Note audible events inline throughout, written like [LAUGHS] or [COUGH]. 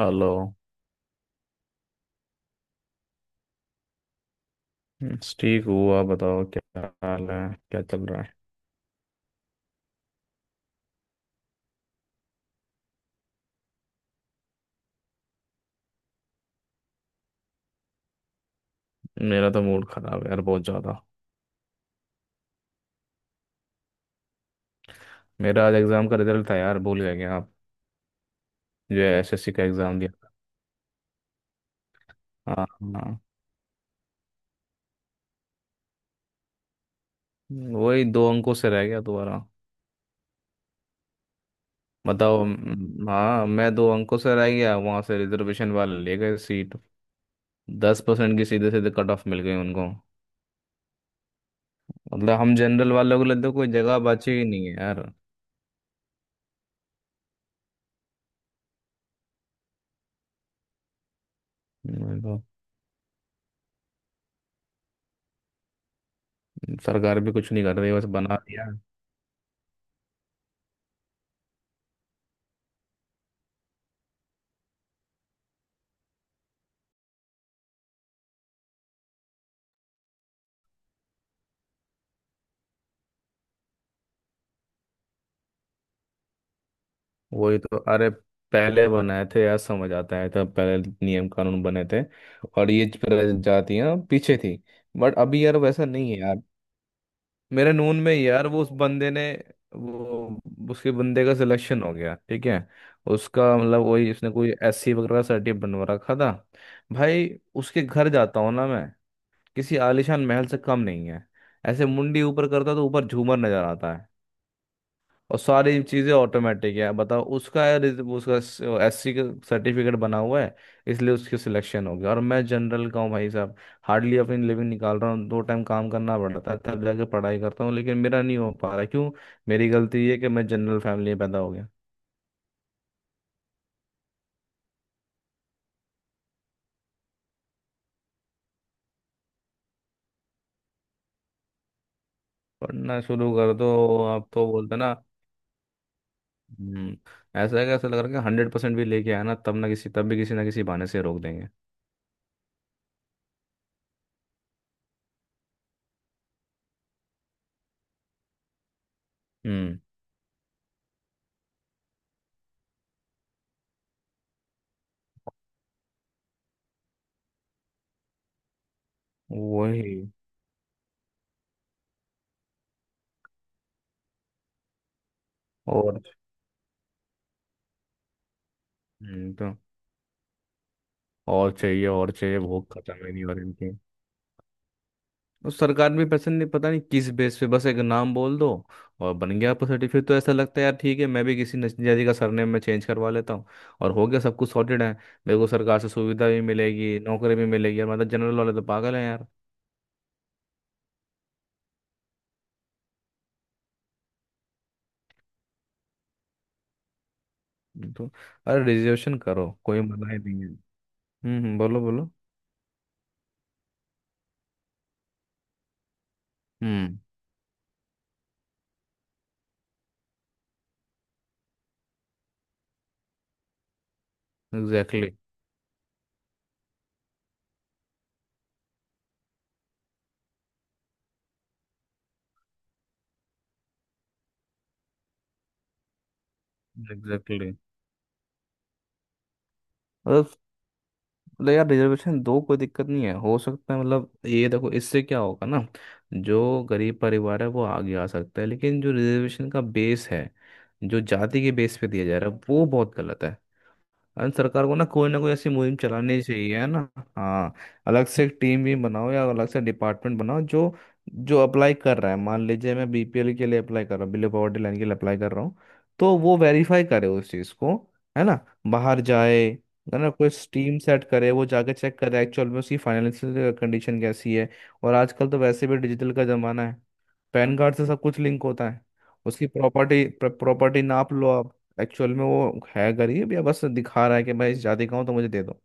Hello. बस ठीक हूँ। आप बताओ, क्या हाल है? क्या चल रहा है? मेरा तो मूड खराब है यार बहुत ज़्यादा। मेरा आज एग्ज़ाम का रिजल्ट था यार, भूल गए क्या आप? जो एसएससी का एग्ज़ाम दिया था। हाँ हाँ, वही, दो अंकों से रह गया दोबारा। बताओ, हाँ, मैं दो अंकों से रह गया। वहाँ से रिजर्वेशन वाले ले गए सीट। दस परसेंट की सीधे सीधे कट ऑफ मिल गई उनको। मतलब हम जनरल वालों के लिए तो कोई जगह बची ही नहीं है यार। मतलब सरकार भी कुछ नहीं कर रही, बस बना दिया। वही तो, अरे, पहले बनाए थे यार, समझ आता है तब। पहले नियम कानून बने थे और ये प्रजातियां पीछे थी। बट अभी यार वैसा नहीं है यार। मेरे नून में यार, वो उसके बंदे का सिलेक्शन हो गया, ठीक है। उसका मतलब, वही, उसने कोई एससी वगैरह का सर्टिफिकेट बनवा रखा था भाई। उसके घर जाता हूँ ना मैं, किसी आलिशान महल से कम नहीं है। ऐसे मुंडी ऊपर करता तो ऊपर झूमर नजर आता और सारी चीज़ें ऑटोमेटिक है। बताओ, उसका उसका एससी का सर्टिफिकेट बना हुआ है, इसलिए उसकी सिलेक्शन हो गया। और मैं जनरल का हूँ भाई साहब, हार्डली अपनी लिविंग निकाल रहा हूँ। दो टाइम काम करना पड़ता है तब जाके पढ़ाई करता हूँ, लेकिन मेरा नहीं हो पा रहा। क्यों? मेरी गलती ये है कि मैं जनरल फैमिली में पैदा हो गया। पढ़ना शुरू कर दो, आप तो बोलते ना। हम्म। ऐसा है कि ऐसा लग रहा है कि हंड्रेड परसेंट भी लेके आया ना, तब ना किसी तब भी किसी ना किसी बहाने से रोक देंगे। हम्म, वही। और तो और चाहिए और चाहिए, भूख खत्म ही नहीं हो रही इनकी। और सरकार भी पसंद नहीं, पता नहीं किस बेस पे। बस एक नाम बोल दो और बन गया आपका सर्टिफिकेट। तो ऐसा लगता है यार, ठीक है, मैं भी किसी नजदीक का सरनेम में चेंज करवा लेता हूँ और हो गया, सब कुछ सॉर्टेड है। मेरे को सरकार से सुविधा भी मिलेगी, नौकरी भी मिलेगी यार। मतलब जनरल वाले तो पागल है यार। तो अरे, रिजर्वेशन करो, कोई मना ही नहीं है। बोलो बोलो। हम्म। Exactly exactly. मतलब यार, रिजर्वेशन दो कोई दिक्कत नहीं है, हो सकता है। मतलब ये देखो, इससे क्या होगा ना, जो गरीब परिवार है वो आगे आ सकता है। लेकिन जो रिजर्वेशन का बेस है, जो जाति के बेस पे दिया जा रहा है, वो बहुत गलत है। अरे सरकार को ना कोई ऐसी मुहिम चलानी चाहिए, है ना। हाँ, अलग से एक टीम भी बनाओ या अलग से डिपार्टमेंट बनाओ, जो जो अप्लाई कर रहा है, मान लीजिए मैं बीपीएल के लिए अप्लाई कर रहा हूँ, बिलो पॉवर्टी लाइन के लिए अप्लाई कर रहा हूँ, तो वो वेरीफाई करे उस चीज़ को, है ना। बाहर जाए, है ना, कोई टीम सेट करे, वो जाके चेक करे एक्चुअल में उसकी फाइनेंशियल कंडीशन कैसी है। और आजकल तो वैसे भी डिजिटल का ज़माना है, पैन कार्ड से सब कुछ लिंक होता है। उसकी प्रॉपर्टी, प्रॉपर्टी नाप लो आप, एक्चुअल में वो है गरीब, या बस दिखा रहा है कि मैं इस जाति का हूँ तो मुझे दे दो।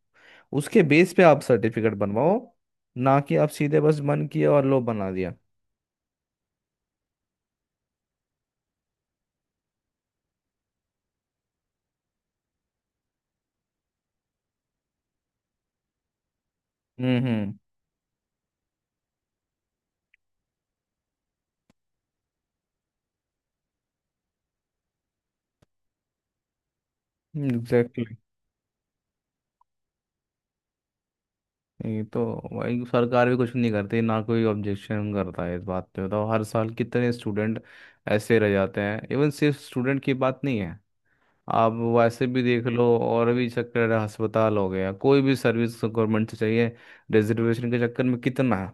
उसके बेस पे आप सर्टिफिकेट बनवाओ, ना कि आप सीधे बस मन किया और लो बना दिया। हम्म। एग्जैक्टली। ये तो, भाई सरकार भी कुछ नहीं करती ना, कोई ऑब्जेक्शन करता है इस बात पे? बताओ, हर साल कितने स्टूडेंट ऐसे रह जाते हैं। इवन सिर्फ स्टूडेंट की बात नहीं है, आप वैसे भी देख लो और भी चक्कर है, अस्पताल हो गया, कोई भी सर्विस गवर्नमेंट से चाहिए, रिजर्वेशन के चक्कर में कितना है,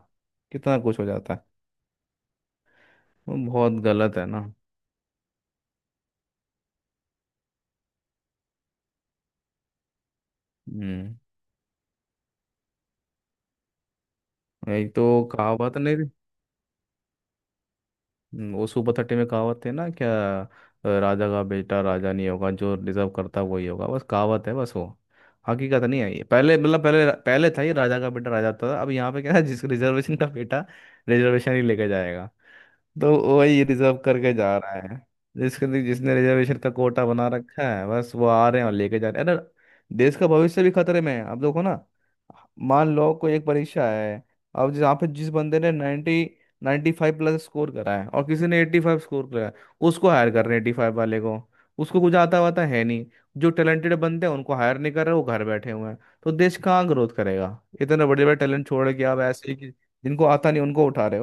कितना कुछ हो जाता है। वो बहुत गलत है ना। हम्म। एक तो कहावत नहीं थी। वो सुपर थर्टी में कहावत थे ना, क्या? राजा का बेटा राजा नहीं होगा, जो डिजर्व करता वही होगा। बस कहावत है, बस वो, हकीकत नहीं है ये। पहले, मतलब पहले पहले था ये, राजा का बेटा राजा होता था। अब यहाँ पे क्या है, जिसको रिजर्वेशन का बेटा, रिजर्वेशन ही लेके जाएगा। तो वही रिजर्व करके जा रहा है। जिसके जिसने रिजर्वेशन का कोटा बना रखा है, बस वो आ रहे हैं और लेके जा रहे हैं। अरे, देश का भविष्य भी खतरे में है। अब देखो ना, मान लो कोई एक परीक्षा है, अब जहाँ पे जिस बंदे ने 90 नाइन्टी फाइव प्लस स्कोर करा है और किसी ने एट्टी फाइव स्कोर करा है, उसको हायर कर रहे हैं एट्टी फाइव वाले को। उसको कुछ आता वाता है नहीं। जो टैलेंटेड बंदे हैं उनको हायर नहीं कर रहे, वो घर बैठे हुए हैं। तो देश कहाँ ग्रोथ करेगा इतने बड़े बड़े टैलेंट छोड़ के? आप ऐसे ही कि जिनको आता नहीं उनको उठा रहे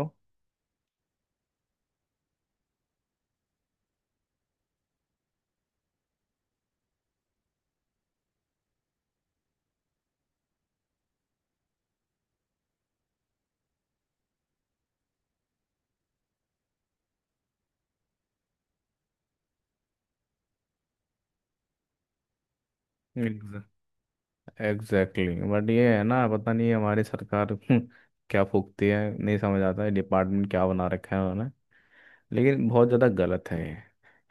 हो। एग्जैक्टली बट ये है ना, पता नहीं हमारी सरकार [LAUGHS] क्या फूकती है, नहीं समझ आता है, डिपार्टमेंट क्या बना रखा है उन्होंने। लेकिन बहुत ज़्यादा गलत है ये,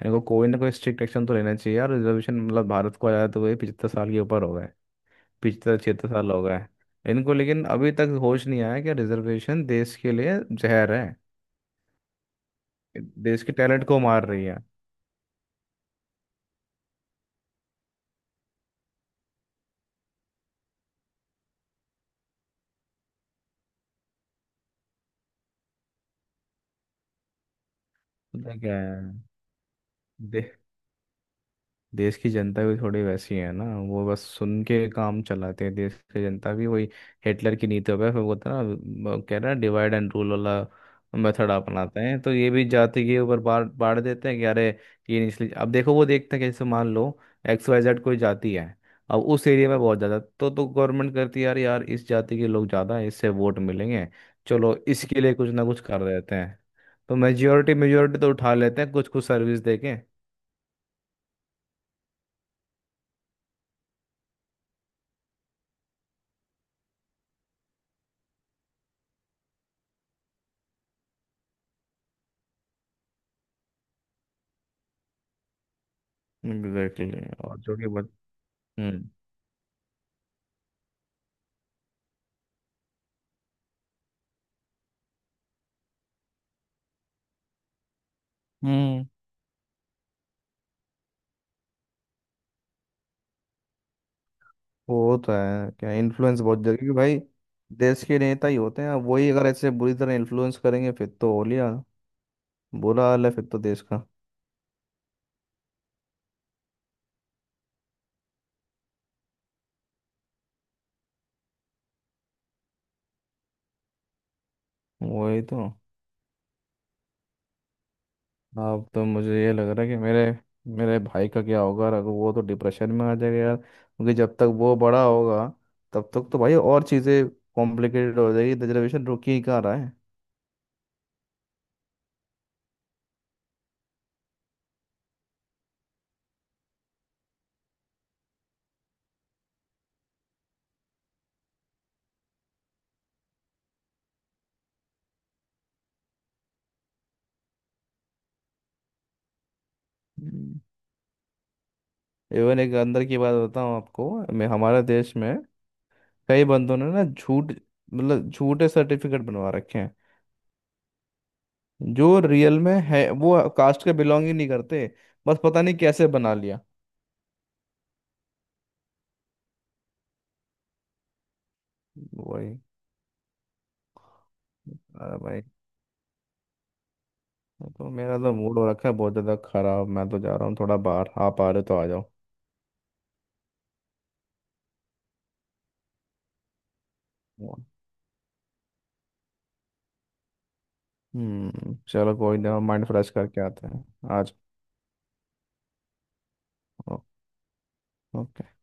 इनको कोई ना कोई स्ट्रिक्ट एक्शन तो लेना चाहिए यार। रिजर्वेशन मतलब भारत को आया, तो वही पिछहत्तर साल के ऊपर हो गए। पिछहत्तर छिहत्तर साल हो गए इनको, लेकिन अभी तक होश नहीं आया कि रिजर्वेशन देश के लिए जहर है, देश के टैलेंट को मार रही है। पता क्या है, दे, देश की जनता भी थोड़ी वैसी है ना, वो बस सुन के काम चलाते हैं। देश की जनता भी वही हिटलर की नीतियों पे, फिर वो था ना, वो कह रहा है, डिवाइड एंड रूल वाला मेथड अपनाते हैं। तो ये भी जाति के ऊपर बांट बांट देते हैं कि अरे ये निचली, अब देखो, वो देखते हैं कि जैसे मान लो एक्स वाई जेड कोई जाति है, अब उस एरिया में बहुत ज़्यादा, तो गवर्नमेंट करती है यार, इस जाति के लोग ज़्यादा हैं, इससे वोट मिलेंगे, चलो इसके लिए कुछ ना कुछ कर देते हैं। तो मेजोरिटी मेजोरिटी तो उठा लेते हैं कुछ कुछ सर्विस देके। एग्जैक्टली और जो कि बच, हम्म हम्म। वो तो है, क्या इन्फ्लुएंस बहुत जगह, क्योंकि भाई देश के नेता ही होते हैं। अब वही अगर ऐसे बुरी तरह इन्फ्लुएंस करेंगे, फिर तो हो लिया, बुरा हाल है फिर तो देश का। वही तो। अब तो मुझे ये लग रहा है कि मेरे मेरे भाई का क्या होगा? अगर वो तो डिप्रेशन में आ जाएगा यार, क्योंकि जब तक वो बड़ा होगा तब तक तो भाई और चीज़ें कॉम्प्लिकेटेड हो जाएगी, रिजर्वेशन रुक ही कहाँ रहा है। इवन एक अंदर की बात बताऊँ आपको, मैं हमारे देश में कई बंदों ने ना, झूठ, मतलब झूठे सर्टिफिकेट बनवा रखे हैं। जो रियल में है, वो कास्ट के बिलोंग ही नहीं करते, बस पता नहीं कैसे बना लिया। वही। अरे भाई, तो मेरा तो मूड हो रखा है बहुत ज्यादा खराब। मैं तो जा रहा हूँ थोड़ा बाहर, आप आ रहे हो तो आ जाओ। हम्म, चलो कोई ना, माइंड फ्रेश करके आते हैं आज। ओ- ओके।